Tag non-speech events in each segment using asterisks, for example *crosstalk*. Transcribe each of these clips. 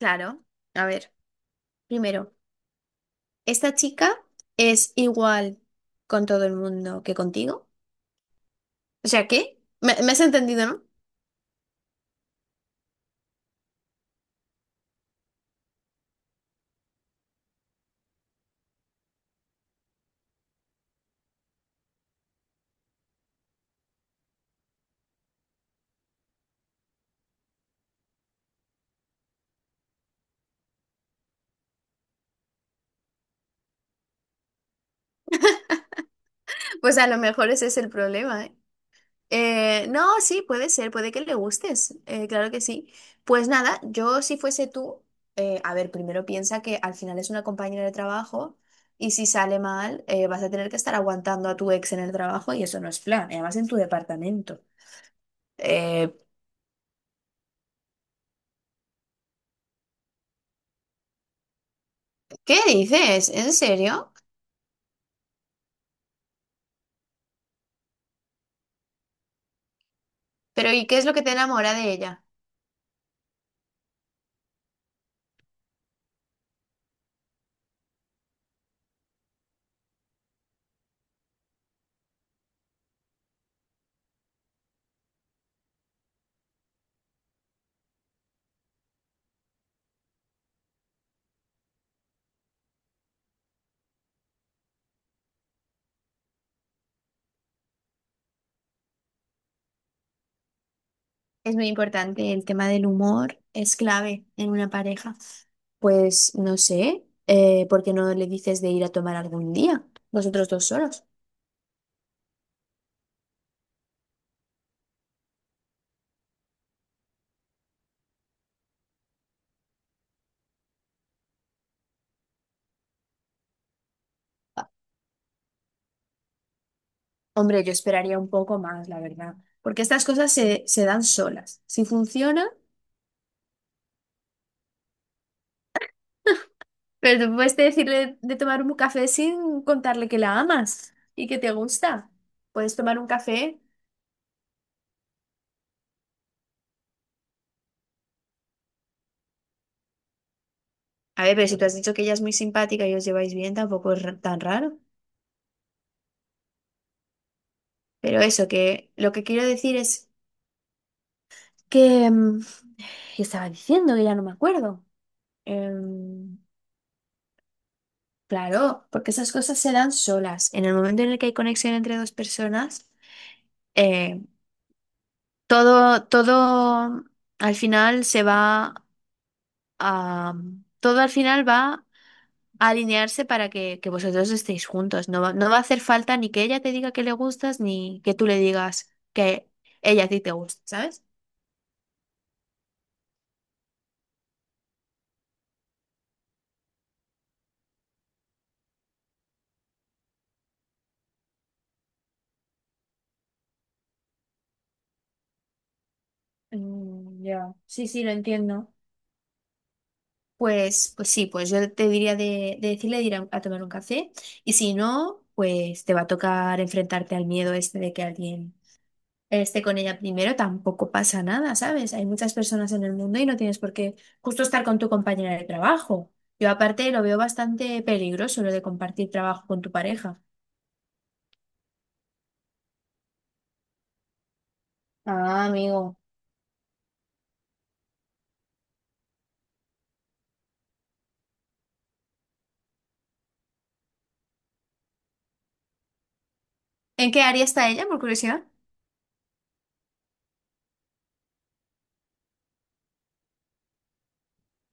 Claro, a ver, primero, ¿esta chica es igual con todo el mundo que contigo? O sea, ¿qué? ¿Me has entendido, no? Pues a lo mejor ese es el problema, ¿eh? No, sí, puede ser, puede que le gustes, claro que sí. Pues nada, yo si fuese tú, a ver, primero piensa que al final es una compañera de trabajo y si sale mal, vas a tener que estar aguantando a tu ex en el trabajo y eso no es plan, y además en tu departamento. Eh, ¿Qué dices? ¿En serio? Pero ¿y qué es lo que te enamora de ella? Es muy importante, el tema del humor es clave en una pareja. Pues no sé, ¿por qué no le dices de ir a tomar algún día? Vosotros dos solos. Ah. Hombre, yo esperaría un poco más, la verdad, porque estas cosas se dan solas. Si funciona, pero tú puedes decirle de tomar un café sin contarle que la amas y que te gusta. Puedes tomar un café. A ver, pero si tú has dicho que ella es muy simpática y os lleváis bien, tampoco es tan raro. Pero eso, que lo que quiero decir es que. ¿Qué estaba diciendo? Que ya no me acuerdo. Em, claro, porque esas cosas se dan solas. En el momento en el que hay conexión entre dos personas, eh, todo, todo al final se va a... Todo al final va a alinearse para que vosotros estéis juntos. No va a hacer falta ni que ella te diga que le gustas, ni que tú le digas que ella a ti te gusta, ¿sabes? Mm, ya. Sí, sí, lo entiendo. Pues sí, pues yo te diría de decirle de ir a tomar un café y si no, pues te va a tocar enfrentarte al miedo este de que alguien esté con ella primero, tampoco pasa nada, ¿sabes? Hay muchas personas en el mundo y no tienes por qué justo estar con tu compañera de trabajo. Yo aparte lo veo bastante peligroso lo de compartir trabajo con tu pareja. Ah, amigo. ¿En qué área está ella, por curiosidad?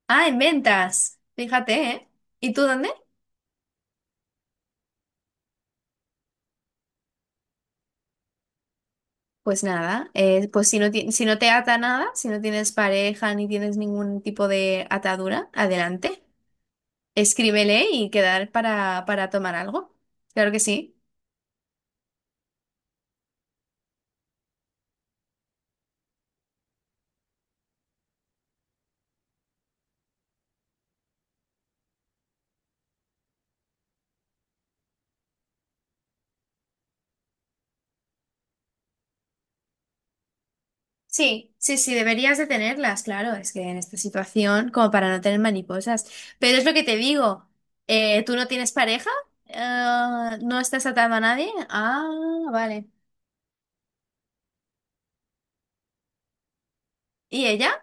Ah, en ventas. Fíjate, ¿eh? ¿Y tú dónde? Pues nada, pues si no, si no te ata nada, si no tienes pareja ni tienes ningún tipo de atadura, adelante, escríbele y quedar para tomar algo. Claro que sí. Sí, sí, sí, deberías de tenerlas, claro, es que en esta situación, como para no tener mariposas. Pero es lo que te digo, ¿tú no tienes pareja? ¿No estás atado a nadie? Ah, vale. ¿Y ella?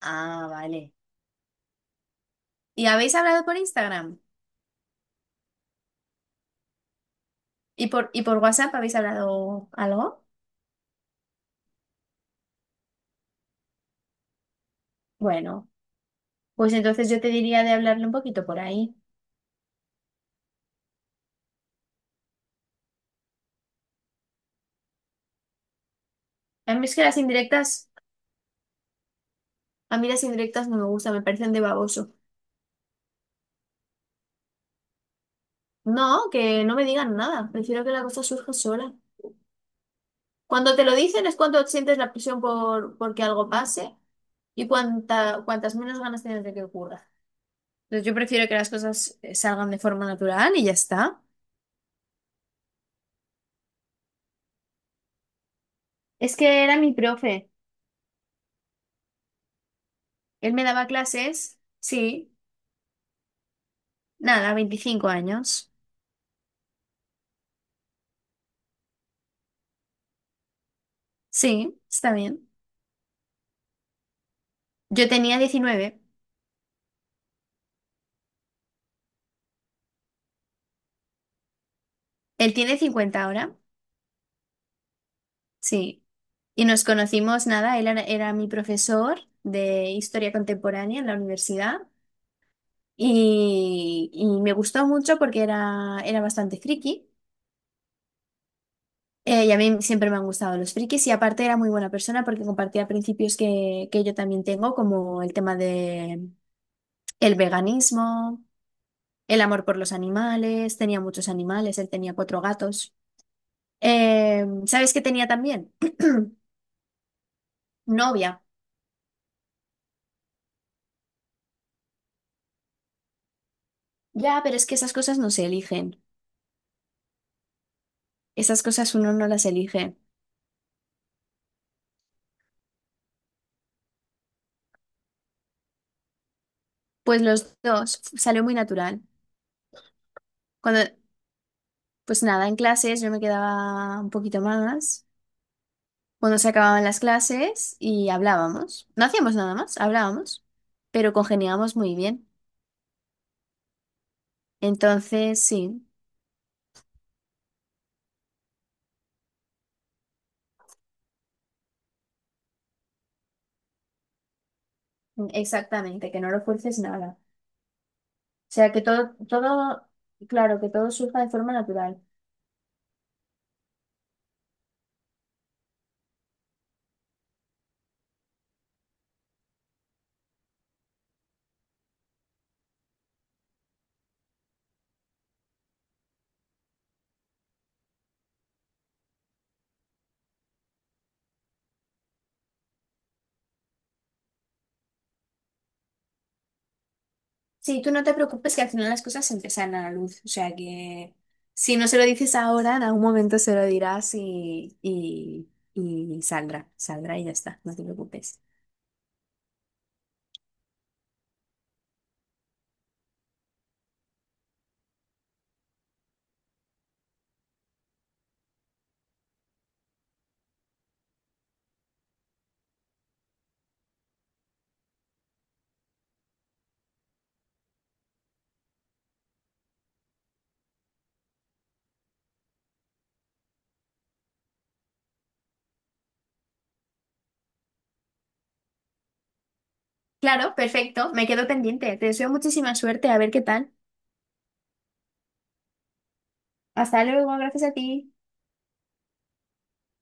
Ah, vale. ¿Y habéis hablado por Instagram? ¿Y por WhatsApp habéis hablado algo? Bueno, pues entonces yo te diría de hablarle un poquito por ahí. A mí es que las indirectas, a mí las indirectas no me gustan, me parecen de baboso. No, que no me digan nada, prefiero que la cosa surja sola. Cuando te lo dicen es cuando sientes la presión por que algo pase y cuantas menos ganas tienes de que ocurra. Entonces yo prefiero que las cosas salgan de forma natural y ya está. Es que era mi profe, él me daba clases, sí, nada, 25 años, sí, está bien. Yo tenía 19. Él tiene 50 ahora, sí. Y nos conocimos, nada, él era mi profesor de historia contemporánea en la universidad y me gustó mucho porque era bastante friki. Y a mí siempre me han gustado los frikis y aparte era muy buena persona porque compartía principios que yo también tengo, como el tema de el veganismo, el amor por los animales, tenía muchos animales, él tenía cuatro gatos. ¿Sabes qué tenía también? *clears throat* Novia. Ya, pero es que esas cosas no se eligen. Esas cosas uno no las elige. Pues los dos, salió muy natural. Cuando, pues nada, en clases yo me quedaba un poquito más. Cuando se acababan las clases y hablábamos. No hacíamos nada más, hablábamos, pero congeniábamos muy bien. Entonces, sí, exactamente, que no lo fuerces nada. O sea, que todo, claro, que todo surja de forma natural. Sí, tú no te preocupes que al final las cosas siempre salen a la luz. O sea que si no se lo dices ahora, en algún momento se lo dirás y saldrá y ya está, no te preocupes. Claro, perfecto, me quedo pendiente. Te deseo muchísima suerte, a ver qué tal. Hasta luego, gracias a ti.